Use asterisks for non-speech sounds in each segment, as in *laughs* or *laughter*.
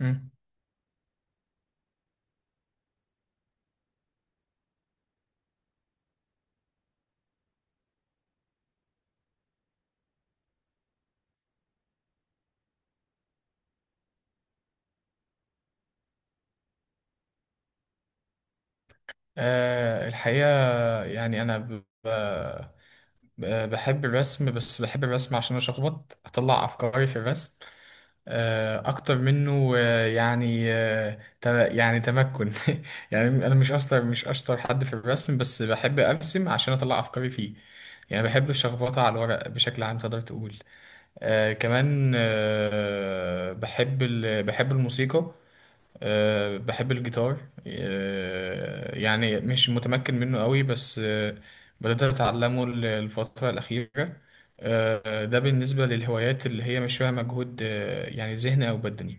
مم. الحقيقة، يعني أنا بحب الرسم، بس بحب الرسم عشان أشخبط أطلع أفكاري في الرسم أكتر منه، يعني تمكن. *laughs* يعني أنا مش أشطر حد في الرسم، بس بحب أرسم عشان أطلع أفكاري فيه. يعني بحب الشخبطة على الورق بشكل عام تقدر تقول. كمان، بحب الموسيقى. بحب الجيتار. يعني مش متمكن منه قوي، بس بدأت أتعلمه الفترة الأخيرة. ده بالنسبة للهوايات اللي هي مش فيها مجهود، يعني ذهني أو بدني.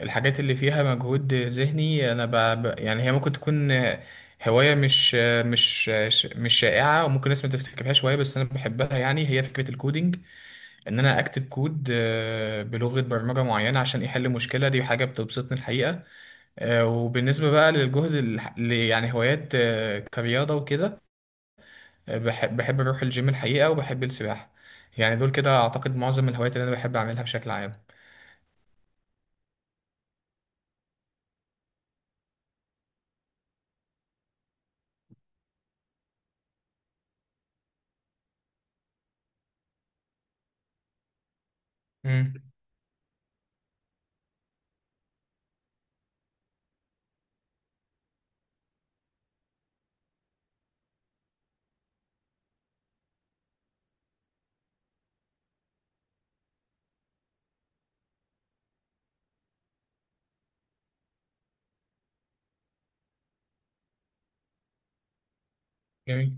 الحاجات اللي فيها مجهود ذهني أنا يعني هي ممكن تكون هواية مش آه، مش آه، ش- مش شائعة، وممكن الناس ما تفتكرها شوية، بس أنا بحبها. يعني هي فكرة الكودينج، إن أنا أكتب كود بلغة برمجة معينة عشان يحل مشكلة. دي حاجة بتبسطني الحقيقة. وبالنسبة بقى للجهد يعني هوايات كرياضة وكده، بحب أروح الجيم الحقيقة وبحب السباحة. يعني دول كده أعتقد معظم الهوايات اللي أنا بحب أعملها بشكل عام. مم. جميل.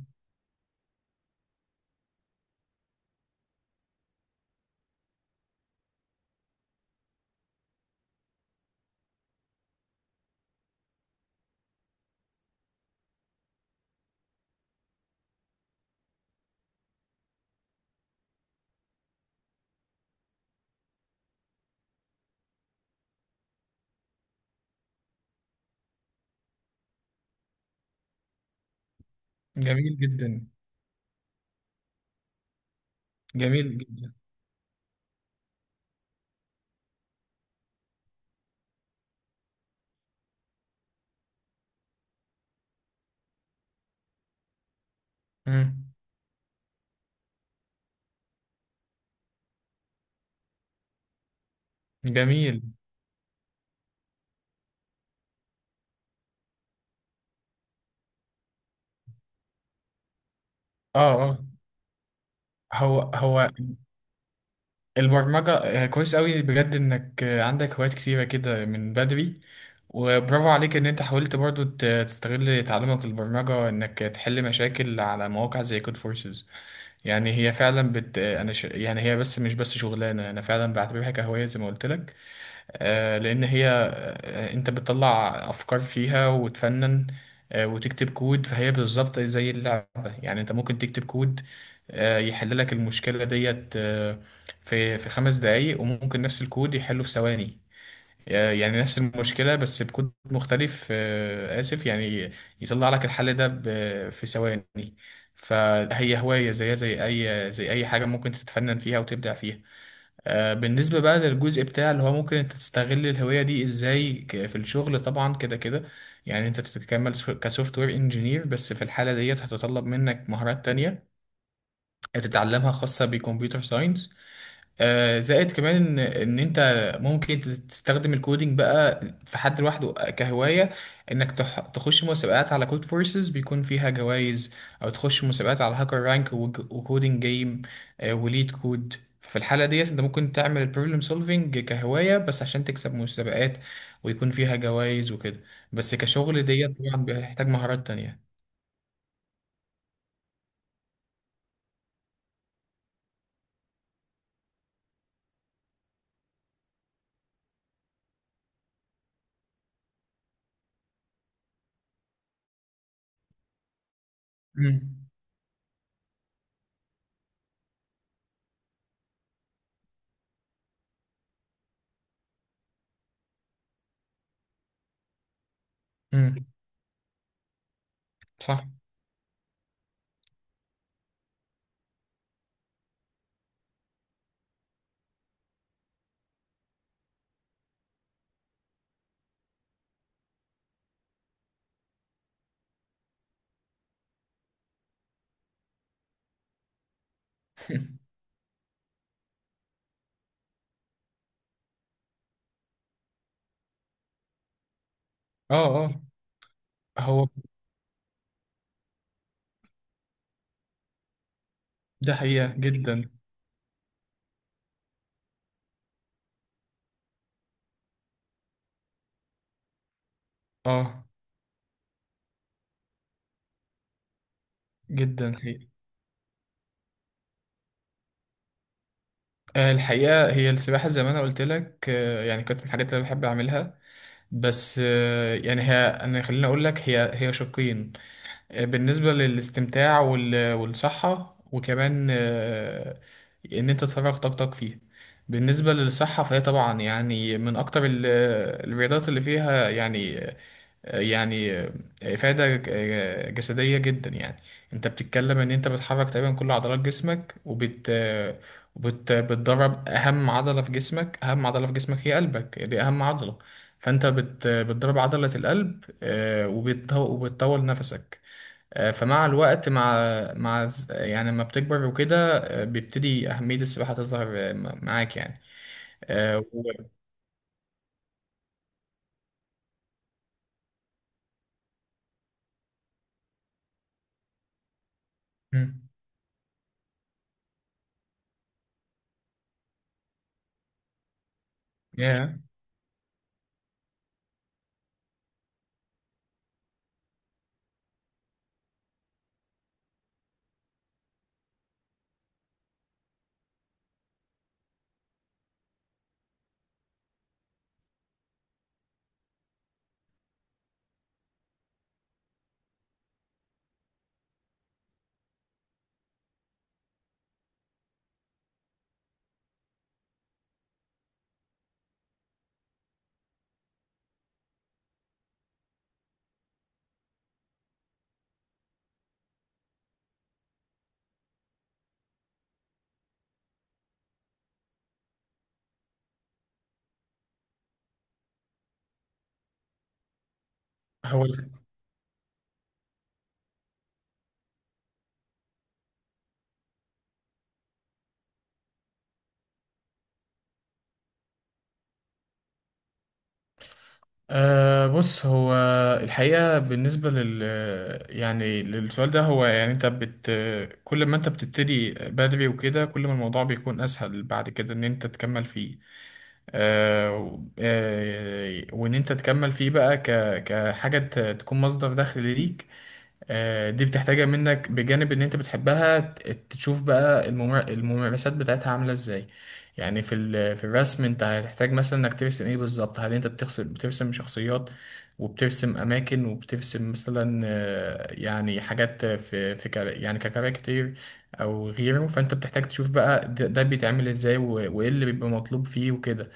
جميل جدا. جميل جدا. مم. جميل. اه، اه. هو، هو. البرمجة، كويس قوي بجد إنك عندك هوايات كتيرة كده من بدري. وبرافو عليك إن أنت حاولت برضو تستغل تعلمك البرمجة إنك تحل مشاكل على مواقع زي كود فورسز. يعني هي فعلا يعني هي بس مش بس شغلانه، انا فعلا بعتبرها كهوايه زي ما قلت لك. لان هي، انت بتطلع افكار فيها وتفنن، وتكتب كود. فهي بالظبط زي اللعبه، يعني انت ممكن تكتب كود يحل لك المشكله ديت، في خمس دقايق، وممكن نفس الكود يحله في ثواني. يعني نفس المشكلة بس بكود مختلف، آسف، يعني يطلع لك الحل ده في ثواني. فهي هواية زيها زي أي حاجة ممكن تتفنن فيها وتبدع فيها. بالنسبة بقى للجزء بتاع اللي هو ممكن انت تستغل الهواية دي ازاي في الشغل، طبعا كده كده، يعني انت تتكمل كسوفت وير انجينير. بس في الحالة ديت هتتطلب منك مهارات تانية تتعلمها خاصة بكمبيوتر ساينس. زائد كمان ان انت ممكن تستخدم الكودينج بقى في حد لوحده كهوايه. انك تخش مسابقات على كود فورسز بيكون فيها جوائز، او تخش مسابقات على هاكر رانك وكودينج جيم وليد كود. ففي الحاله ديت انت ممكن تعمل البروبلم سولفينج كهوايه بس عشان تكسب مسابقات ويكون فيها جوائز وكده. بس كشغل ديت طبعا بيحتاج مهارات تانية. امم، امم. صح. *laughs* اه، اه. هو. ده حقيقه جدا. اه. جدا حقيقي. الحقيقة هي السباحة زي ما أنا قلت لك، يعني كانت من الحاجات اللي أنا بحب أعملها. بس، يعني هي، أنا خليني أقول لك، هي هي شقين. بالنسبة للاستمتاع والصحة، وكمان إن أنت تفرغ طاقتك فيها. بالنسبة للصحة فهي طبعا يعني من أكتر الرياضات اللي فيها، يعني، يعني إفادة جسدية جدا. يعني انت بتتكلم ان انت بتحرك تقريبا كل عضلات جسمك، وبت وبت بتدرب اهم عضلة في جسمك. اهم عضلة في جسمك هي قلبك، دي اهم عضلة. فانت بتدرب عضلة القلب، وبتطول نفسك. فمع الوقت، يعني لما بتكبر وكده، بيبتدي أهمية السباحة تظهر معاك يعني. آه، و... مم. yeah. هو، بص، الحقيقة بالنسبة يعني للسؤال ده. هو يعني انت بت كل ما انت بتبتدي بدري وكده كل ما الموضوع بيكون اسهل بعد كده ان انت تكمل فيه. أه و- أه وان انت تكمل فيه بقى كحاجة تكون مصدر دخل ليك. دي بتحتاجها منك بجانب ان انت بتحبها. تشوف بقى الممارسات بتاعتها عاملة ازاي. يعني في الرسم انت هتحتاج مثلا انك ترسم ايه بالظبط. هل انت بترسم شخصيات وبترسم اماكن وبترسم مثلا، يعني حاجات في يعني ككاركتير او غيره. فانت بتحتاج تشوف بقى، ده بيتعمل ازاي وايه اللي بيبقى مطلوب فيه وكده.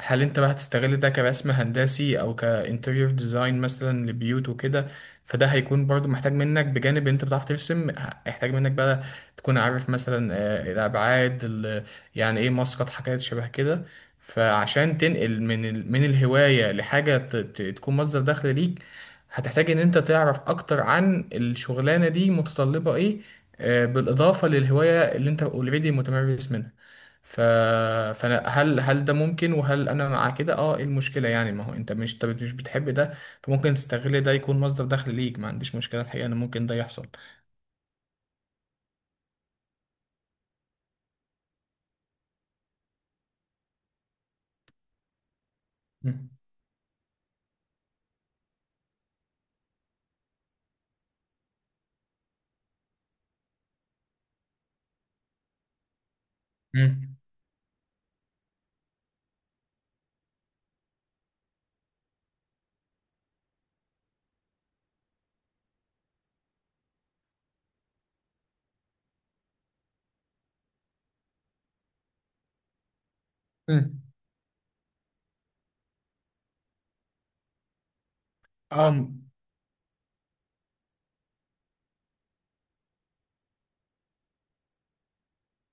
هل انت بقى هتستغل ده كرسم هندسي او كانتيريور ديزاين مثلا لبيوت وكده. فده هيكون برضو محتاج منك بجانب انت بتعرف ترسم، هيحتاج منك بقى تكون عارف مثلا، الابعاد يعني ايه، مسقط، حاجات شبه كده. فعشان تنقل من من الهواية لحاجة تكون مصدر دخل ليك، هتحتاج ان انت تعرف اكتر عن الشغلانة دي متطلبة ايه، بالاضافة للهواية اللي انت اوريدي متمرس منها. ف... فانا، هل ده ممكن؟ وهل انا مع كده؟ اه، ايه المشكلة؟ يعني ما هو انت مش بتحب ده، فممكن تستغل ده يكون مصدر دخل ليك. ما عنديش مشكلة الحقيقة ان ممكن ده يحصل. مم. مم. مم. أم.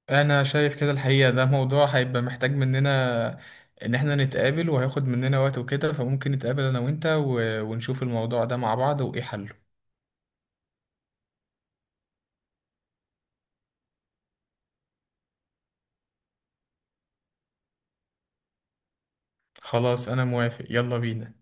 أنا شايف كده الحقيقة، ده موضوع هيبقى محتاج مننا إن إحنا نتقابل، وهياخد مننا وقت وكده. فممكن نتقابل أنا وإنت ونشوف الموضوع ده مع بعض وإيه حله. خلاص، أنا موافق، يلا بينا.